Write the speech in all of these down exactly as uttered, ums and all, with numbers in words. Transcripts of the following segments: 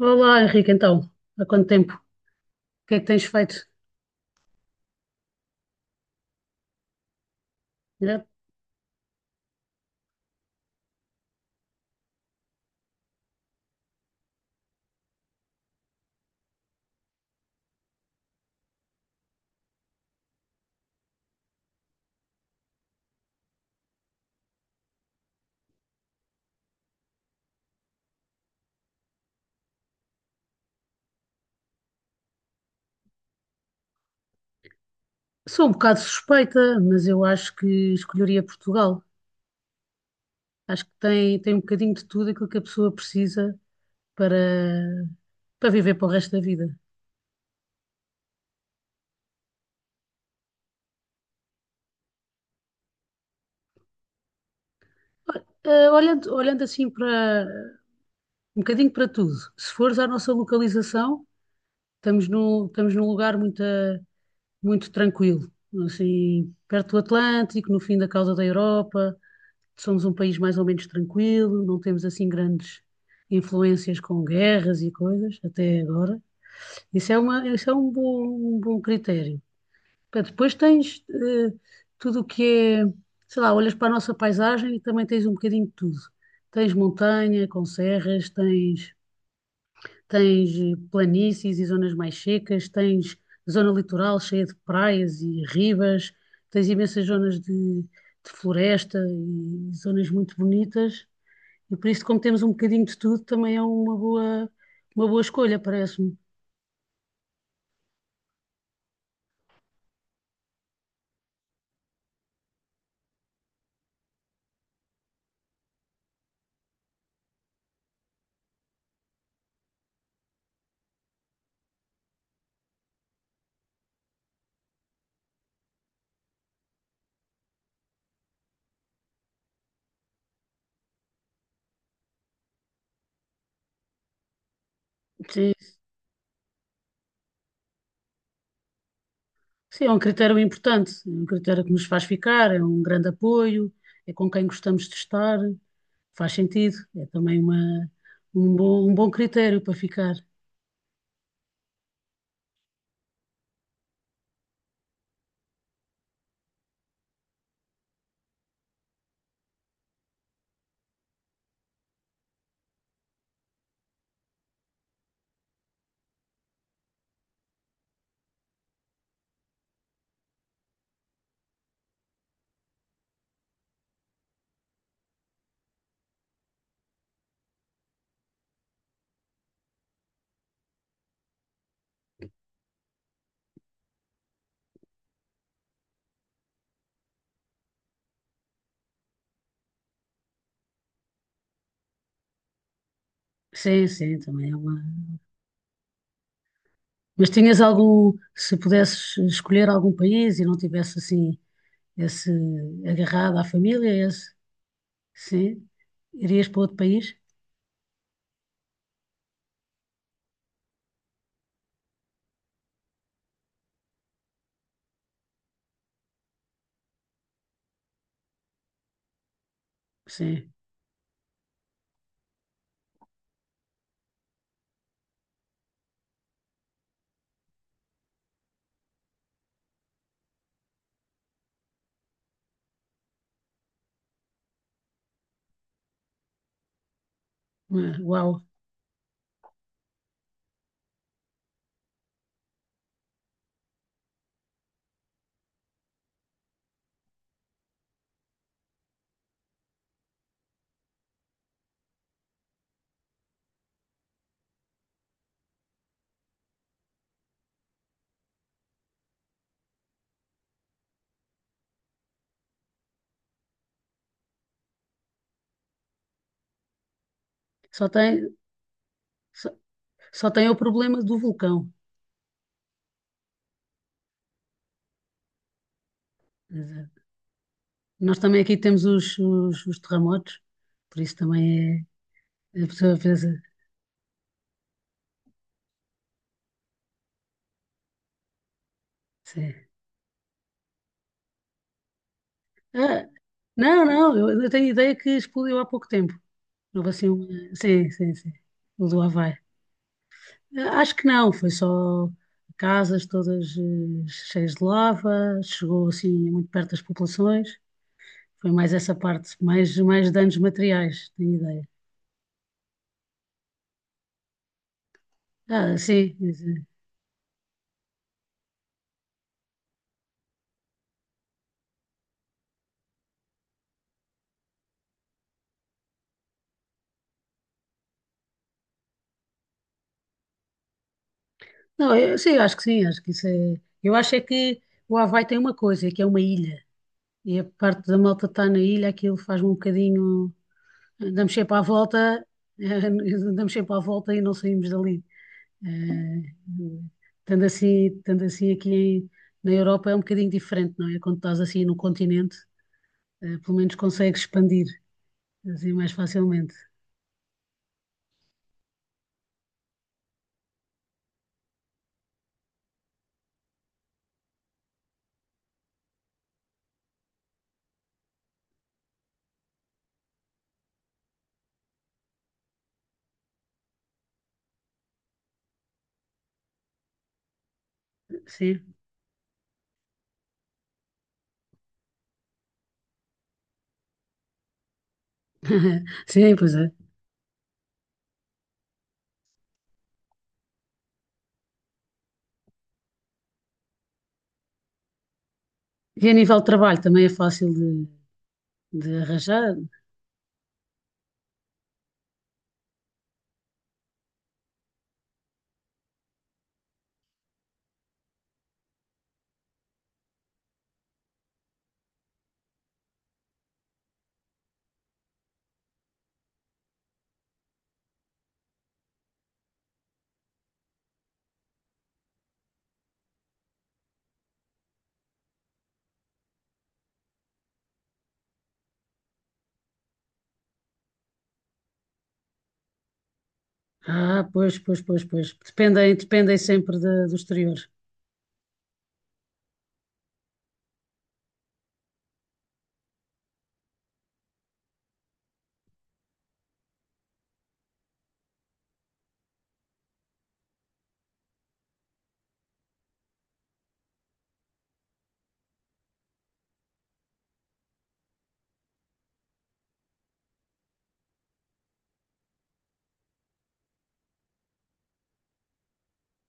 Olá, Henrique, então, há quanto tempo? O que é que tens feito? É, sou um bocado suspeita, mas eu acho que escolheria Portugal. Acho que tem, tem um bocadinho de tudo aquilo que a pessoa precisa para, para viver para o resto da vida. Eh, Olhando, olhando assim para um bocadinho para tudo, se fores à nossa localização, estamos no estamos num lugar muito, eh, muito tranquilo, assim, perto do Atlântico, no fim da causa da Europa, somos um país mais ou menos tranquilo, não temos assim grandes influências com guerras e coisas, até agora. Isso é uma, isso é um bom, um bom critério. Pá, depois tens eh, tudo o que é, sei lá, olhas para a nossa paisagem e também tens um bocadinho de tudo. Tens montanha com serras, tens, tens eh, planícies e zonas mais secas, tens zona litoral cheia de praias e ribas, tens imensas zonas de, de floresta e zonas muito bonitas. E por isso, como temos um bocadinho de tudo, também é uma boa, uma boa escolha, parece-me. Sim, sim, é um critério importante, é um critério que nos faz ficar, é um grande apoio, é com quem gostamos de estar, faz sentido, é também uma, um bom, um bom critério para ficar. Sim, sim, também é uma. Mas tinhas algum, se pudesses escolher algum país e não tivesse assim esse agarrado à família, esse, sim, irias para outro país? Sim. Uau. Só tem, Só tem o problema do vulcão. Quer dizer, nós também aqui temos os, os, os terremotos, por isso também é. A pessoa pensa. Sim. Ah, não, não, eu, eu tenho ideia que explodiu há pouco tempo. Houve assim uma. Sim, sim, sim. O do Havaí. Ah, acho que não, foi só casas todas eh, cheias de lava, chegou assim muito perto das populações. Foi mais essa parte, mais, mais danos materiais, tenho ideia. Ah, sim, Não, eu, sim, eu acho que sim, acho que isso é. Eu acho é que o Havaí tem uma coisa, é que é uma ilha. E a parte da malta está na ilha, aquilo faz-me um bocadinho. Damos sempre à volta, eh, damos sempre à volta e não saímos dali. Eh, Estando assim, estando assim aqui em- na Europa é um bocadinho diferente, não é? Quando estás assim no continente, eh, pelo menos consegues expandir assim mais facilmente. Sim, sim, pois é. E a nível de trabalho também é fácil de, de arranjar. Ah, pois, pois, pois, pois. Dependem, dependem sempre da- do exterior.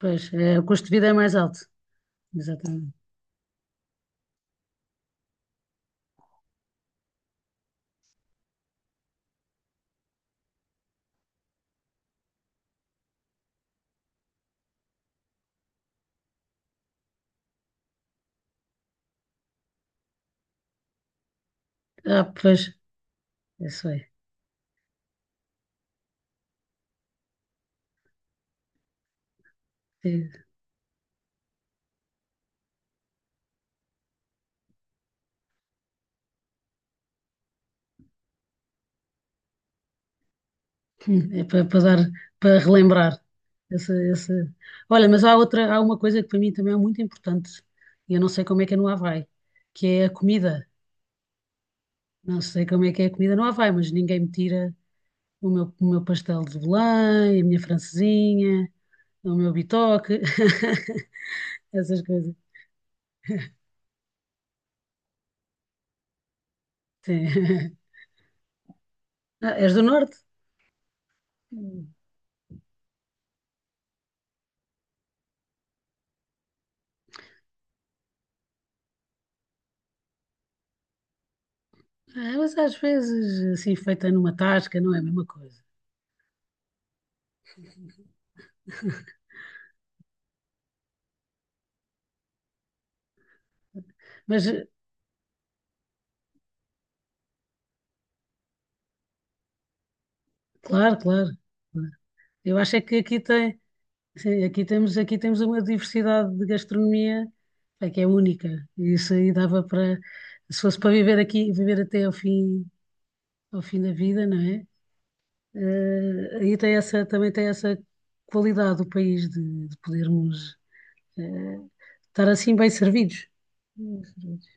Pois, é, o custo de vida é mais alto. Exatamente. Ah, pois, é isso é. É, hum, é para, para dar, para relembrar. Essa, essa... Olha, mas há outra, há uma coisa que para mim também é muito importante, e eu não sei como é que é no Havaí, que é a comida. Não sei como é que é a comida no Havaí, mas ninguém me tira o meu, o meu pastel de Belém, a minha francesinha, o meu bitoque, essas coisas. Sim. Ah, és do norte? Ah, mas às vezes, assim, feita numa tasca, não é a mesma coisa. Mas, eh, claro, claro. Claro. Eu acho é que aqui tem, sim, aqui temos, aqui temos uma diversidade de gastronomia, é que é única. E isso aí dava para, se fosse para viver aqui, viver até ao fim, ao fim da vida, não é? Eh, aí tem essa, também tem essa qualidade do país de, de podermos, eh, estar assim bem servidos. Bem servidos.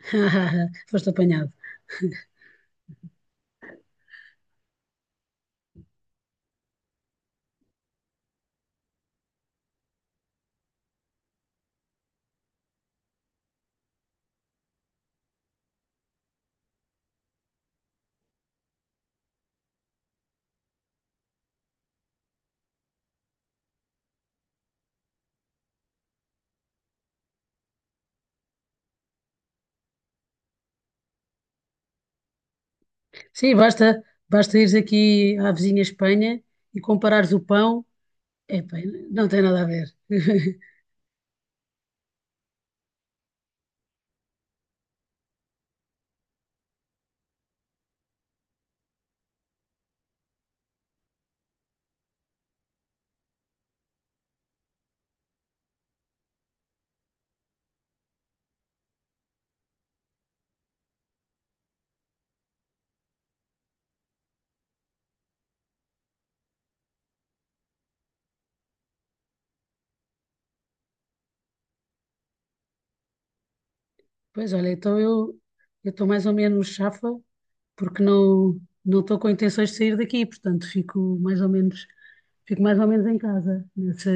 Foste apanhado. Sim, basta, basta ires aqui à vizinha Espanha e comparares o pão. Epá, não tem nada a ver. Pois olha, então eu eu estou mais ou menos chafa porque não não estou com intenções de sair daqui, portanto fico mais ou menos fico mais ou menos em casa nesse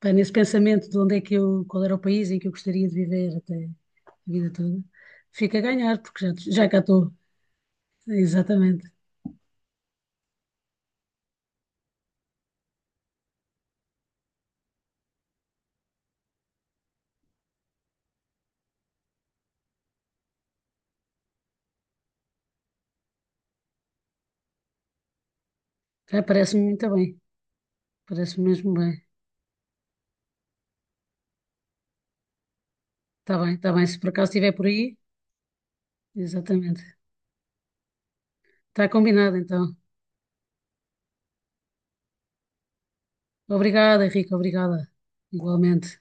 pá, nesse pensamento de onde é que eu qual era o país em que eu gostaria de viver até a vida toda. Fico a ganhar porque já já cá estou. Exatamente. Ah, parece-me muito bem. Parece-me mesmo bem. Está bem, está bem. Se por acaso estiver por aí, exatamente. Está combinado, então. Obrigada, Henrique, obrigada. Igualmente.